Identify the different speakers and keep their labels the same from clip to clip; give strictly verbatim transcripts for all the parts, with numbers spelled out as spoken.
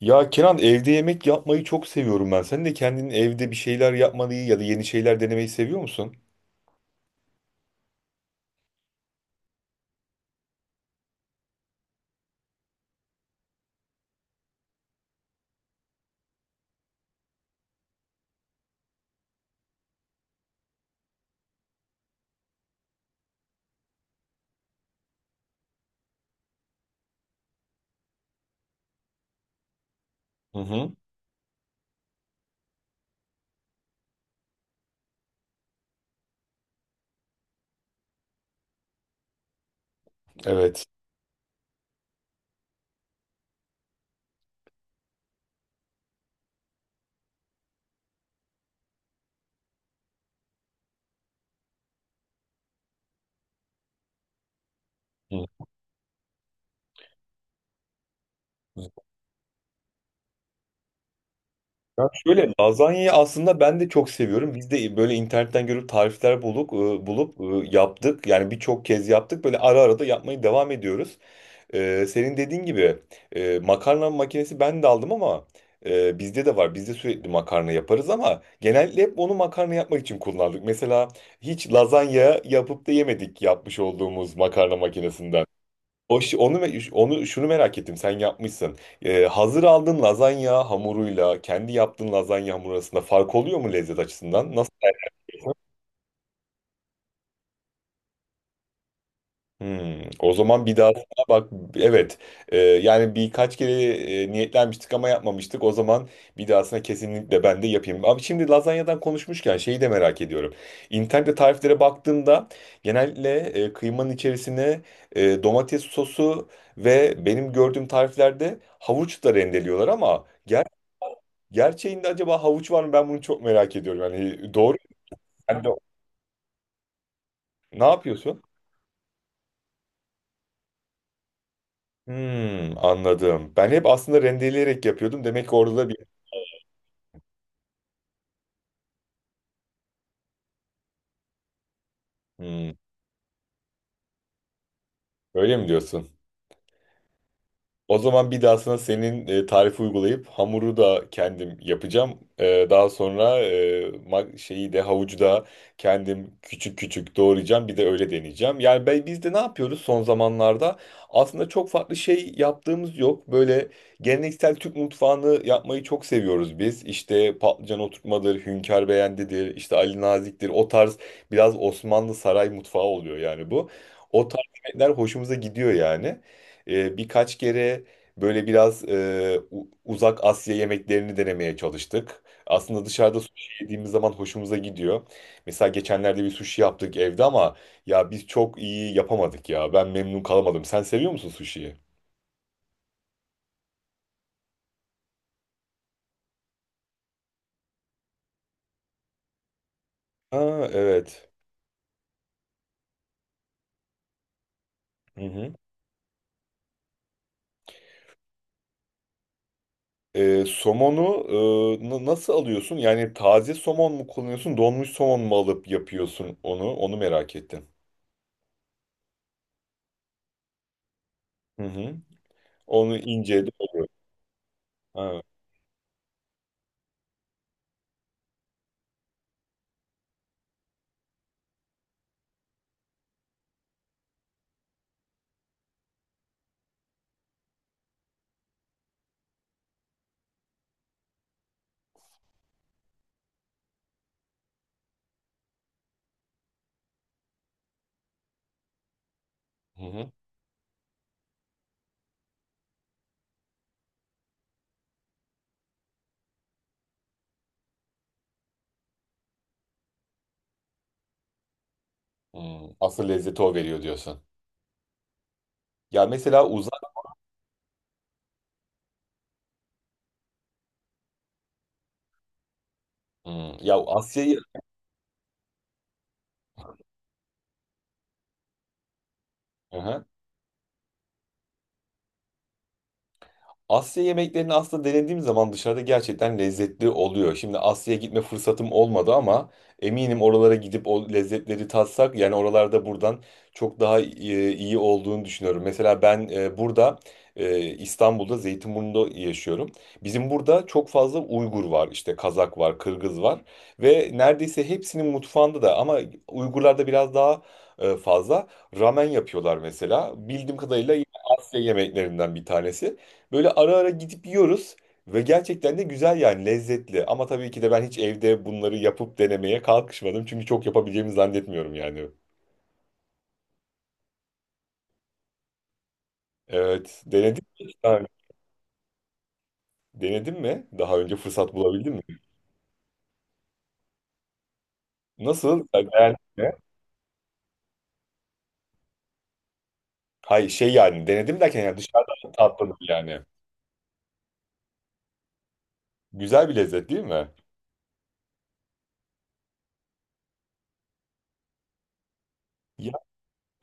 Speaker 1: Ya Kenan evde yemek yapmayı çok seviyorum ben. Sen de kendin evde bir şeyler yapmayı ya da yeni şeyler denemeyi seviyor musun? Hı hı. Evet. Hı. Ya şöyle lazanyayı aslında ben de çok seviyorum. Biz de böyle internetten görüp tarifler bulup bulup e, yaptık. Yani birçok kez yaptık. Böyle ara ara da yapmayı devam ediyoruz. Ee, senin dediğin gibi e, makarna makinesi ben de aldım ama e, bizde de var. Bizde sürekli makarna yaparız ama genellikle hep onu makarna yapmak için kullandık. Mesela hiç lazanya yapıp da yemedik yapmış olduğumuz makarna makinesinden. O, şi- onu, me- Onu şunu merak ettim sen yapmışsın. Ee, hazır aldığın lazanya hamuruyla kendi yaptığın lazanya hamuru arasında fark oluyor mu lezzet açısından? Nasıl? Hmm, o zaman bir daha sana bak, evet. Ee, yani birkaç kere e, niyetlenmiştik ama yapmamıştık. O zaman bir dahasına kesinlikle ben de yapayım. Abi şimdi lazanyadan konuşmuşken şeyi de merak ediyorum. İnternette tariflere baktığımda genellikle e, kıymanın içerisine e, domates sosu ve benim gördüğüm tariflerde havuç da rendeliyorlar ama ger gerçeğinde acaba havuç var mı, ben bunu çok merak ediyorum. Yani doğru sen de ne yapıyorsun? Hmm, anladım. Ben hep aslında rendeleyerek yapıyordum. Demek ki orada da bir... Hmm, öyle mi diyorsun? O zaman bir daha sana senin e, tarifi uygulayıp hamuru da kendim yapacağım. E, daha sonra e, ma- şeyi de havucu da kendim küçük küçük doğrayacağım. Bir de öyle deneyeceğim. Yani ben, biz de ne yapıyoruz son zamanlarda? Aslında çok farklı şey yaptığımız yok. Böyle geleneksel Türk mutfağını yapmayı çok seviyoruz biz. İşte patlıcan oturtmadır, hünkâr beğendidir, işte Ali Nazik'tir. O tarz biraz Osmanlı saray mutfağı oluyor yani bu. O tarz yemekler hoşumuza gidiyor yani. E, birkaç kere böyle biraz e, u- uzak Asya yemeklerini denemeye çalıştık. Aslında dışarıda sushi yediğimiz zaman hoşumuza gidiyor. Mesela geçenlerde bir sushi yaptık evde ama ya biz çok iyi yapamadık ya. Ben memnun kalamadım. Sen seviyor musun sushi'yi? Ha, evet. Hı hı. E, somonu e, na- nasıl alıyorsun? Yani taze somon mu kullanıyorsun, donmuş somon mu alıp yapıyorsun onu? Onu merak ettim. Hı hı. Onu ince doğru. Ha. Hı hı. Hmm, asıl lezzeti o veriyor diyorsun. Ya mesela uzak. Hmm, ya Asya'yı. Hı hı. Asya yemeklerini aslında denediğim zaman dışarıda gerçekten lezzetli oluyor. Şimdi Asya'ya gitme fırsatım olmadı ama eminim oralara gidip o lezzetleri tatsak yani oralarda buradan çok daha e, iyi olduğunu düşünüyorum. Mesela ben e, burada e, İstanbul'da Zeytinburnu'nda yaşıyorum. Bizim burada çok fazla Uygur var, işte Kazak var, Kırgız var ve neredeyse hepsinin mutfağında da ama Uygurlarda biraz daha e, fazla ramen yapıyorlar mesela. Bildiğim kadarıyla yine Asya yemeklerinden bir tanesi. Böyle ara ara gidip yiyoruz ve gerçekten de güzel yani lezzetli. Ama tabii ki de ben hiç evde bunları yapıp denemeye kalkışmadım. Çünkü çok yapabileceğimi zannetmiyorum yani. Evet, denedin mi? Ha, denedin mi? Daha önce fırsat bulabildin mi? Nasıl? Yani beğendin mi? Hayır şey yani denedim derken yani dışarıdan tatladım yani. Güzel bir lezzet değil mi? Ya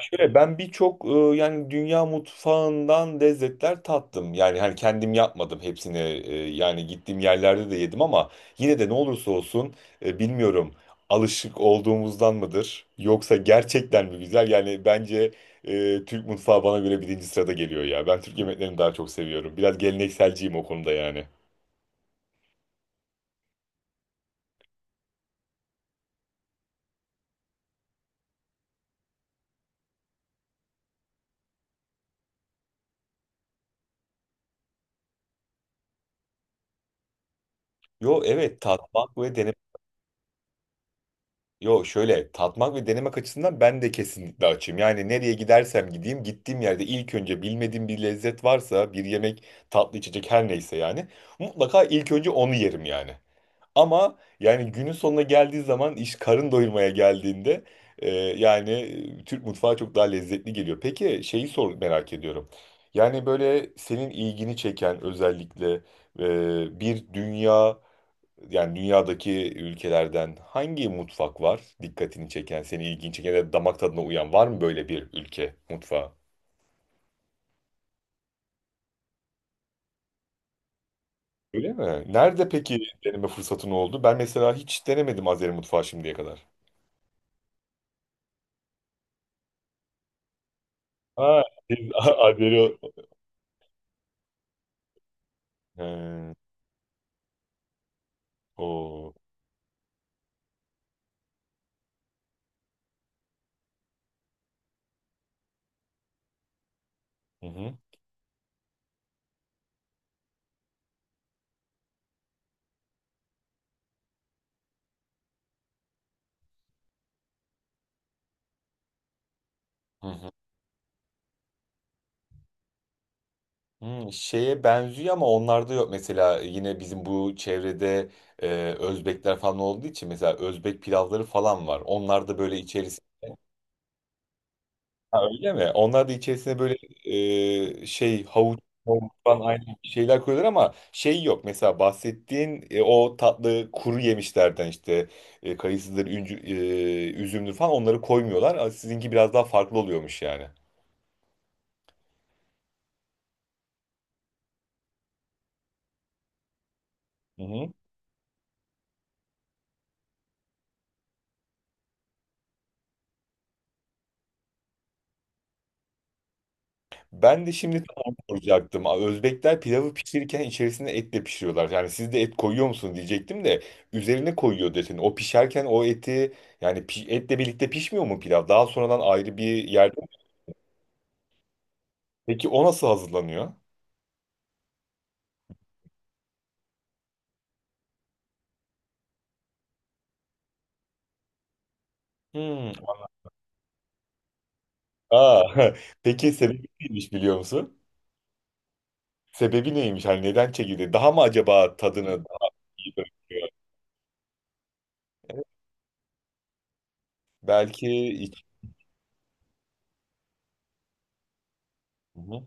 Speaker 1: şöyle, ben birçok e, yani dünya mutfağından lezzetler tattım. Yani hani kendim yapmadım hepsini. E, yani gittiğim yerlerde de yedim ama yine de ne olursa olsun e, bilmiyorum, alışık olduğumuzdan mıdır yoksa gerçekten mi güzel? Yani bence e, Türk mutfağı bana göre birinci sırada geliyor ya. Ben Türk yemeklerini daha çok seviyorum. Biraz gelenekselciyim o konuda yani. Yo evet, tatmak ve denemek. Yo şöyle tatmak ve denemek açısından ben de kesinlikle açım. Yani nereye gidersem gideyim gittiğim yerde ilk önce bilmediğim bir lezzet varsa, bir yemek, tatlı, içecek her neyse yani mutlaka ilk önce onu yerim yani. Ama yani günün sonuna geldiği zaman, iş karın doyurmaya geldiğinde e, yani e, Türk mutfağı çok daha lezzetli geliyor. Peki şeyi sor merak ediyorum. Yani böyle senin ilgini çeken özellikle e, bir dünya yani dünyadaki ülkelerden hangi mutfak var dikkatini çeken, seni ilgini çeken ya da damak tadına uyan var mı böyle bir ülke mutfağı? Öyle mi? Nerede peki deneme fırsatın oldu? Ben mesela hiç denemedim Azeri mutfağı şimdiye kadar. Ha, siz Azeri... He, o. Hı hı. Hı hı. Hı, şeye benziyor ama onlarda yok. Mesela yine bizim bu çevrede e, Özbekler falan olduğu için mesela Özbek pilavları falan var. Onlar da böyle. Ha, öyle mi? Onlar da içerisine böyle e, şey havuç, havuç falan aynı şeyler koyuyorlar ama şey yok. Mesela bahsettiğin e, o tatlı kuru yemişlerden işte e, kayısıdır, üncü, e, üzümdür falan, onları koymuyorlar. Ama sizinki biraz daha farklı oluyormuş yani. Hı hı. Ben de şimdi tam onu soracaktım. Özbekler pilavı pişirirken içerisine et de pişiriyorlar. Yani siz de et koyuyor musun diyecektim de üzerine koyuyor dedin. O pişerken o eti yani pi- etle birlikte pişmiyor mu pilav? Daha sonradan ayrı bir yerde? Peki o nasıl hazırlanıyor? Hmm. Aa, peki sebebi neymiş biliyor musun? Sebebi neymiş? Hani neden çekildi? Daha mı acaba tadını daha iyi bırakıyor? Evet, belki iç. Hı hı.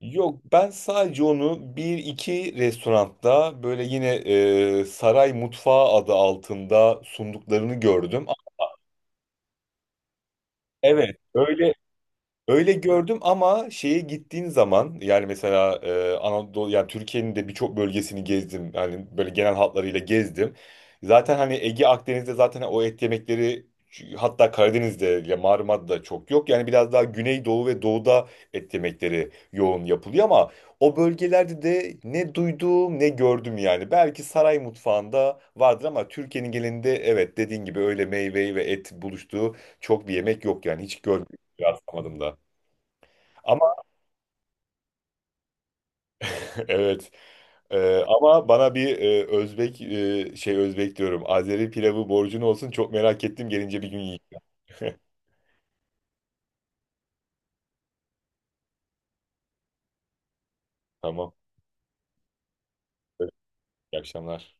Speaker 1: Yok ben sadece onu bir iki restoranda böyle yine e, saray mutfağı adı altında sunduklarını gördüm. Evet öyle, öyle gördüm ama şeye gittiğin zaman yani mesela e, Anadolu yani Türkiye'nin de birçok bölgesini gezdim. Yani böyle genel hatlarıyla gezdim. Zaten hani Ege Akdeniz'de zaten o et yemekleri, ç- hatta Karadeniz'de ya Marmara'da çok yok. Yani biraz daha Güneydoğu ve Doğu'da et yemekleri yoğun yapılıyor ama o bölgelerde de ne duydum ne gördüm yani. Belki saray mutfağında vardır ama Türkiye'nin genelinde evet, dediğin gibi öyle meyve ve et buluştuğu çok bir yemek yok yani hiç görmedim rastlamadım da. Ama evet. Ee, ama bana bir e, Özbek e, şey Özbek diyorum, Azeri pilavı borcun olsun. Çok merak ettim. Gelince bir gün yiyeyim. Tamam. Evet, İyi akşamlar.